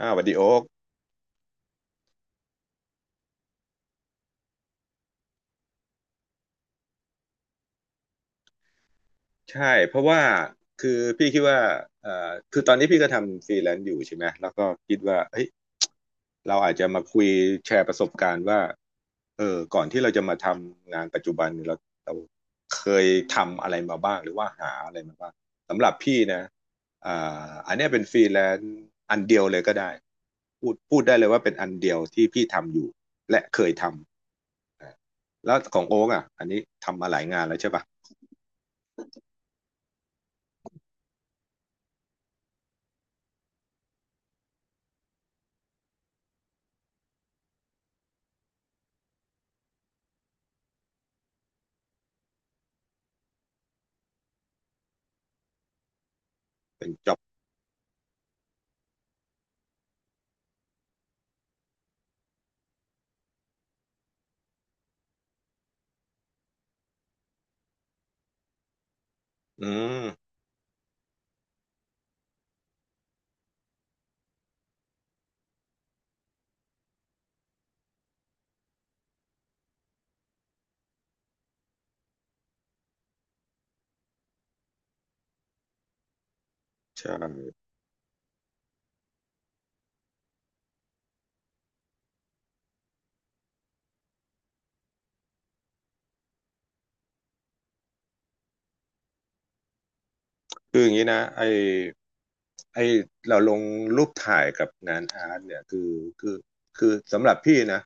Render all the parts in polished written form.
อ่าสวัสดีโอ๊กใช่เพราะว่าคือพี่คิดว่าเอ่อคือตอนนี้พี่ก็ทำฟรีแลนซ์อยู่ใช่ไหมแล้วก็คิดว่าเฮ้ยเราอาจจะมาคุยแชร์ประสบการณ์ว่าเออก่อนที่เราจะมาทำงานปัจจุบันเนี่ยเราเคยทำอะไรมาบ้างหรือว่าหาอะไรมาบ้างสำหรับพี่นะอ่าอันเนี้ยเป็นฟรีแลนซ์อันเดียวเลยก็ได้พูดได้เลยว่าเป็นอันเดียวที่พี่ทำอยู่และเคยทำแล้วของโอ๊กอ่ะอันนี้ทำมาหลายงานแล้วใช่ปะเป็นจ็อบอืม ใช่คืออย่างนี้นะไอไอเราลงรูปถ่ายกับงานอาร์ตเนี่ยคือคือสำหรับพี่นะ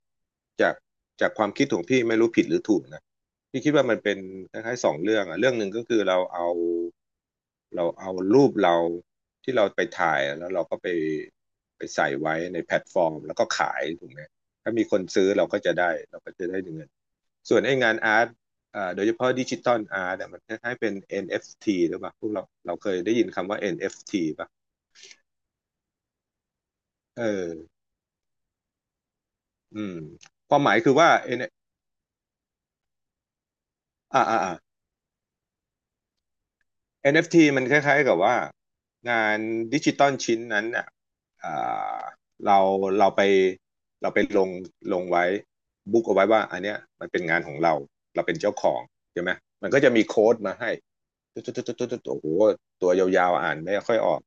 จากจากความคิดของพี่ไม่รู้ผิดหรือถูกนะพี่คิดว่ามันเป็นคล้ายๆสองเรื่องอะเรื่องหนึ่งก็คือเราเอาเอารูปเราที่เราไปถ่ายแล้วเราก็ไปใส่ไว้ในแพลตฟอร์มแล้วก็ขายถูกไหมถ้ามีคนซื้อเราก็จะได้เราก็จะได้เงิน ส่วนไอ้งานอาร์ตเโดยเฉพาะดิจิตอลอาร์ตเนี่ยมันคล้ายๆเป็น NFT หรือเปล่า พวกเราเราเคยได้ยินคำว่า NFT ป่ะเอออืม ความหมายคือว่าเอNFT มันคล้ายๆกับว่างานดิจิตอลชิ้นนั้นอ่ะอ่าเราเราไปเราไปลงไว้บุ๊กเอาไว้ว่าอันเนี้ยมันเป็นงานของเราเราเป็นเจ้าของใช่ไหมมันก็จะมีโค้ดมาให้ตุ๊ดตุ๊ดตุ๊ดตุ๊ดตุ๊ดโอ้โหตัวยาวๆอ่านไม่ค่อยออก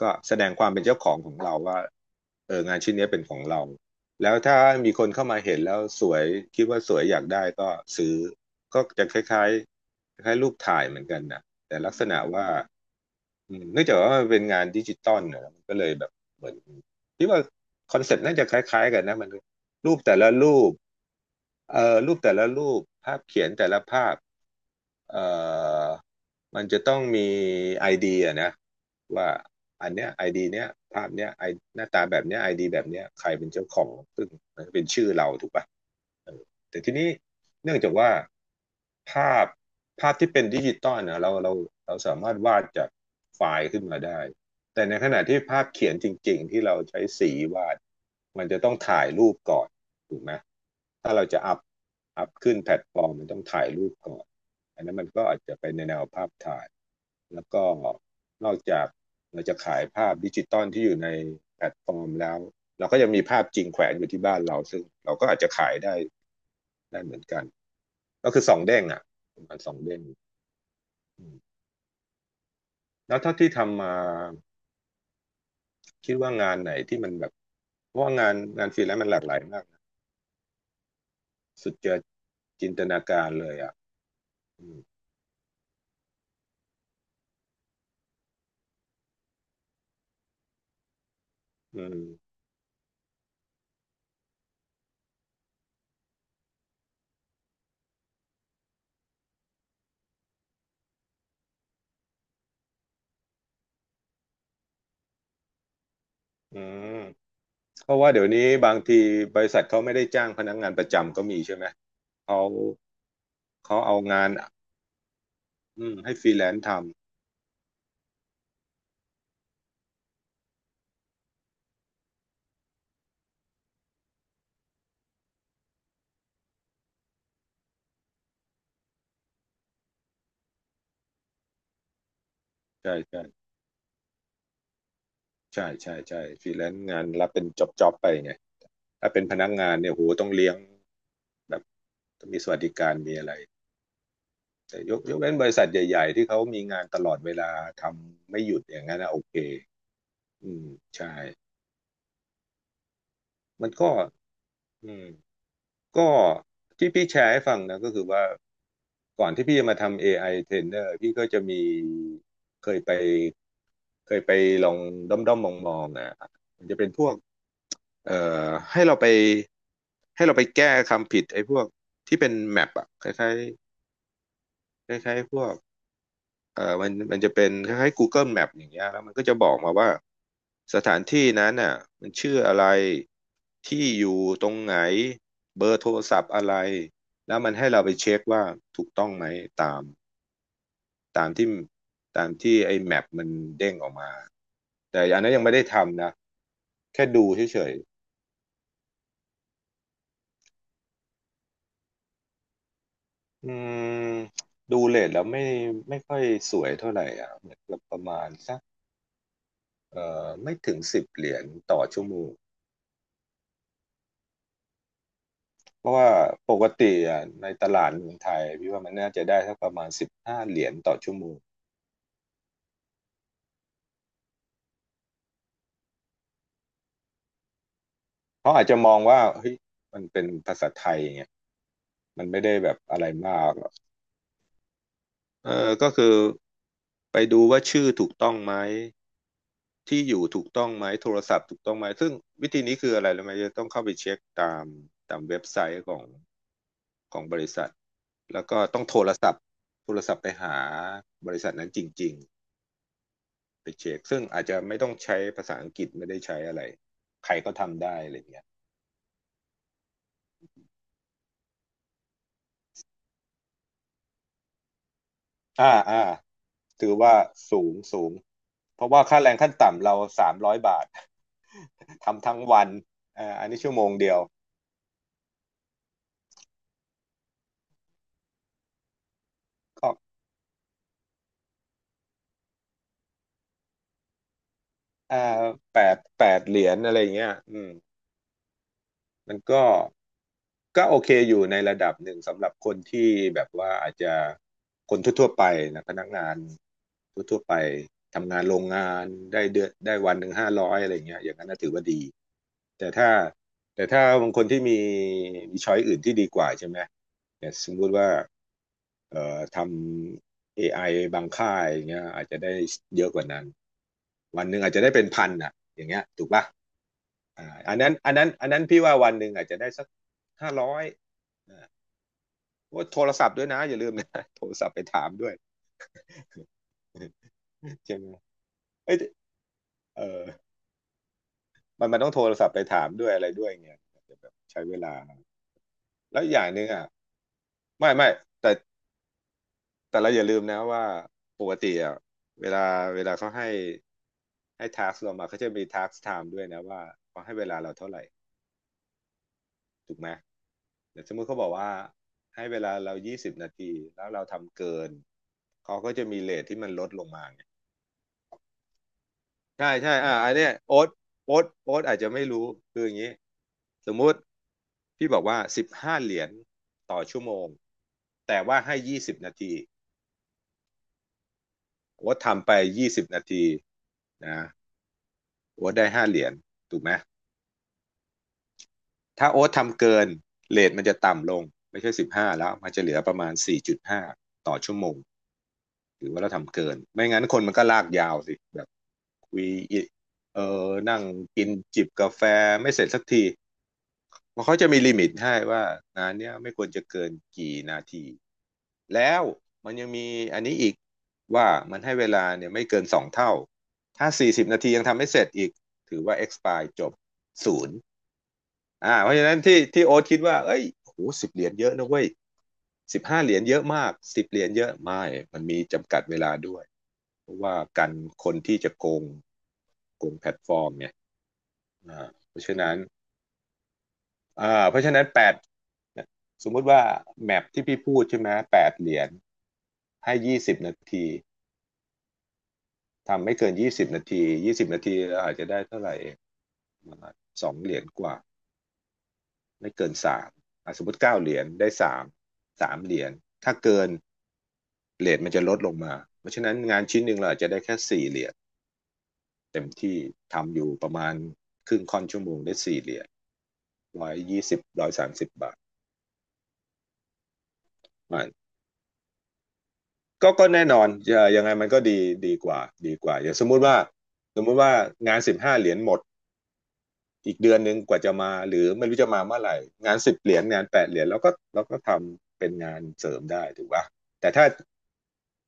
ก็แสดงความเป็นเจ้าของของเราว่าเอองานชิ้นเนี้ยเป็นของเราแล้วถ้ามีคนเข้ามาเห็นแล้วสวยคิดว่าสวยอยากได้ก็ซื้อก็จะคล้ายๆคล้ายๆรูปถ่ายเหมือนกันนะ แต่ลักษณะว่าอืมเนื่องจากว่ามันเป็นงานดิจิตอลนะมันก็เลยแบบเหมือนที่ว่าคอนเซ็ปต์น่าจะคล้ายๆกันนะมันรูปแต่ละรูป รูปแต่ละรูปภาพเขียนแต่ละภาพเอ่อมันจะต้องมีไอดีอะนะว่าอันเนี้ยไอดีเนี้ยภาพเนี้ยไอหน้าตาแบบเนี้ยไอดีแบบเนี้ยใครเป็นเจ้าของซึ่งมันก็เป็นชื่อเราถูกป่ะเออแต่ทีนี้เนื่องจากว่าภาพภาพที่เป็นดิจิตอลนะเราสามารถวาดจากไฟล์ขึ้นมาได้แต่ในขณะที่ภาพเขียนจริงๆที่เราใช้สีวาดมันจะต้องถ่ายรูปก่อน ถูกไหมถ้าเราจะอัพขึ้นแพลตฟอร์มมันต้องถ่ายรูปก่อนอันนั้นมันก็อาจจะไปในแนวภาพถ่ายแล้วก็นอกจากเราจะขายภาพดิจิตอลที่อยู่ในแพลตฟอร์มแล้วเราก็ยังมีภาพจริงแขวนอยู่ที่บ้านเราซึ่งเราก็อาจจะขายได้ได้เหมือนกันก็คือสองเด้งอ่ะประมาณสองเด้งแล้วเท่าที่ทำมาคิดว่างานไหนที่มันแบบเพราะว่างานฟรีแลนซ์มันหลากหลายมากนะสุดจะจินตนาการเลยอ่ะอืม อืมเพราะว่าเดี๋ยวนี้บางทีบริษัทเขาไม่ได้จ้างพนักงานประจำก็มีใช่ไหมเขาเขาเอางานอืมให้ฟรีแลนซ์ทำใช่ใช่ใช่ใช่ฟรีแลนซ์งานรับเป็นจ็อบไปไงถ้าเป็นพนักงานเนี่ยโหต้องเลี้ยงแบบต้องมีสวัสดิการมีอะไรแต่ยกเว้นบริษัทใหญ่ๆที่เขามีงานตลอดเวลาทำไม่หยุดอย่างนั้นนะโอเคอืมใช่มันก็อืม ก็ที่พี่แชร์ให้ฟังนะก็คือว่าก่อนที่พี่จะมาทำ AI trainer พี่ก็จะมีเคยไปเคยไปลองด้อมด้อมมองมองๆนะมันจะเป็นพวกเอ่อให้เราไปให้เราไปแก้คำผิดไอ้พวกที่เป็นแมปอะคล้ายๆคล้ายๆพวก มันจะเป็นคล้ายๆ Google Map อย่างเงี้ยแล้วมันก็จะบอกมาว่าสถานที่นั้นน่ะมันชื่ออะไรที่อยู่ตรงไหนเบอร์โทรศัพท์อะไร แล้วมันให้เราไปเช็คว่าถูกต้องไหมตามตามที่ตามที่ไอ้แมปมันเด้งออกมาแต่อันนั้นยังไม่ได้ทำนะแค่ดูเฉยๆอืมดูเรทแล้วไม่ค่อยสวยเท่าไหร่อ่ะเหมือนกับประมาณสักไม่ถึง10 เหรียญต่อชั่วโมง เพราะว่าปกติอ่ะในตลาดเมืองไทยพี่ว่ามันน่าจะได้สักประมาณสิบห้าเหรียญต่อชั่วโมงเขาอาจจะมองว่าเฮ้ยมันเป็นภาษาไทยไงมันไม่ได้แบบอะไรมากหรอกเออก็คือไปดูว่าชื่อถูกต้องไหมที่อยู่ถูกต้องไหมโทรศัพท์ถูกต้องไหมซึ่งวิธีนี้คืออะไรรู้ไหมจะต้องเข้าไปเช็คตามเว็บไซต์ของบริษัทแล้วก็ต้องโทรศัพท์โทรศัพท์ไปหาบริษัทนั้นจริง ไปเช็คซึ่งอาจจะไม่ต้องใช้ภาษาอังกฤษไม่ได้ใช้อะไรใครก็ทำได้อะไรเงี้ยอ่าอ่าถือว่าสูงเพราะว่าค่าแรงขั้นต่ำเราสามร้อยบาท ทำทั้งวันอ่าอันนี้ชั่วโมงเดียวก็อ่าแปดเหรียญอะไรเงี้ยอืมมันก็โอเคอยู่ในระดับหนึ่งสำหรับคนที่แบบว่าอาจจะคนทั่วๆไปนะพนักงานทั่วๆไปทำงานโรงงานได้เดือนได้วันหนึ่งห้าร้อยอะไรเงี้ยอย่างนั้นน่ะถือว่าดี แต่ถ้าแต่ถ้าบางคนที่มีช้อยอื่นที่ดีกว่าใช่ไหมแต่สมมุติว่าทำ AI บางค่ายอย่างเงี้ยอาจจะได้เยอะกว่านั้นวันหนึ่งอาจจะได้เป็นพันอ่ะอย่างเงี้ยถูกป่ะอ่าอันนั้นพี่ว่าวันหนึ่งอาจจะได้สักห้าร้อยว่าโทรศัพท์ด้วยนะอย่าลืมนะ โทรศัพท์ไปถามด้วย ใช่ไหมเอ้ยเออมันต้องโทรศัพท์ไปถามด้วยอะไรด้วยเงี้ยอาจจะแบบใช้เวลาแล้วอย่างหนึ่งอ่ะไม่แต่ แต่เราอย่าลืมนะว่าปกติอ่ะเวลาเวลาเขาให้ทักเรามาเขาจะมีทักไทม์ด้วยนะว่าเขาให้เวลาเราเท่าไหร่ถูกไหมเดี๋ยวสมมติเขาบอกว่าให้เวลาเรายี่สิบนาทีแล้วเราทำเกินเขาก็จะมีเรทที่มันลดลงมาไงใช่อ่าอันเนี้ยโอ๊ตอาจจะไม่รู้คืออย่างนี้สมมุติพี่บอกว่าสิบห้าเหรียญต่อชั่วโมงแต่ว่าให้ยี่สิบนาทีโอ๊ตทำไปยี่สิบนาทีนะ โอ๊ตได้ห้าเหรียญถูกไหมถ้าโอ๊ตทำเกินเรทมันจะต่ำลงไม่ใช่สิบห้าแล้วมันจะเหลือประมาณสี่จุดห้าต่อชั่วโมงหรือว่าเราทำเกินไม่งั้นคนมันก็ลากยาวสิแบบคุยอเออนั่งกินจิบกาแฟไม่เสร็จสักทีเพราะเขาจะมีลิมิตให้ว่างานเนี้ยไม่ควรจะเกินกี่นาทีแล้วมันยังมีอันนี้อีกว่ามันให้เวลาเนี่ยไม่เกินสองเท่าถ้าสี่สิบนาทียังทำไม่เสร็จอีกถือว่า expire จบศูนย์ อ่าเพราะฉะนั้นที่โอ๊ตคิดว่าเอ้ยโอ้โหสิบเหรียญเยอะนะเว้ยสิบห้าเหรียญเยอะมากสิบเหรียญเยอะไม่มันมีจำกัดเวลาด้วยเพราะว่ากันคนที่จะโกงโกงแพลตฟอร์มเนี่ยอ่าเพราะฉะนั้นอ่าเพราะฉะนั้นแปดสมมุติว่าแมปที่พี่พูดใช่ไหมแปดเหรียญให้ยี่สิบนาที ทำไม่เกินยี่สิบนาทีเราอาจจะได้เท่าไหร่เองสองเหรียญกว่าไม่เกินสามสมมติเก้าเหรียญได้สามเหรียญถ้าเกิน เรทมันจะลดลงมาเพราะฉะนั้นงานชิ้นหนึ่งเราอาจจะได้แค่สี่เหรียญเต็มที่ทำอยู่ประมาณครึ่งค่อนชั่วโมงได้สี่เหรียญร้อยยี่สิบร้อยสามสิบบาทมันก็แน่นอนยังไงมันก็ดีดีกว่าดีกว่าอย่างสมมุติว่าสมมุติว่างานสิบห้าเหรียญหมดอีกเดือนหนึ่งกว่าจะมาหรือไม่รู้จะมาเมื่อไหร่งานสิบเหรียญงานแปดเหรียญเราก็ทำเป็นงานเสริมได้ถูกป่ะแต่ถ้า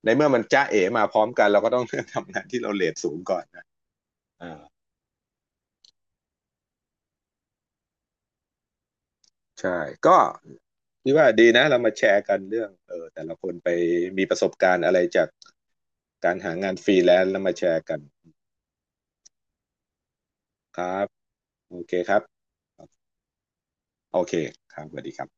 ในเมื่อมันจ้าเอ๋มาพร้อมกันเราก็ต้อง ทำงานที่เราเรทสูงก่อนนะอ่า ใช่ ก็พี่ว่าดีนะเรามาแชร์กันเรื่องเออแต่ละคนไปมีประสบการณ์อะไรจากการหางานฟรีแลนซ์แล้วมาแชร์กันครับโอเคครับโอเคครับสวัสดีครับ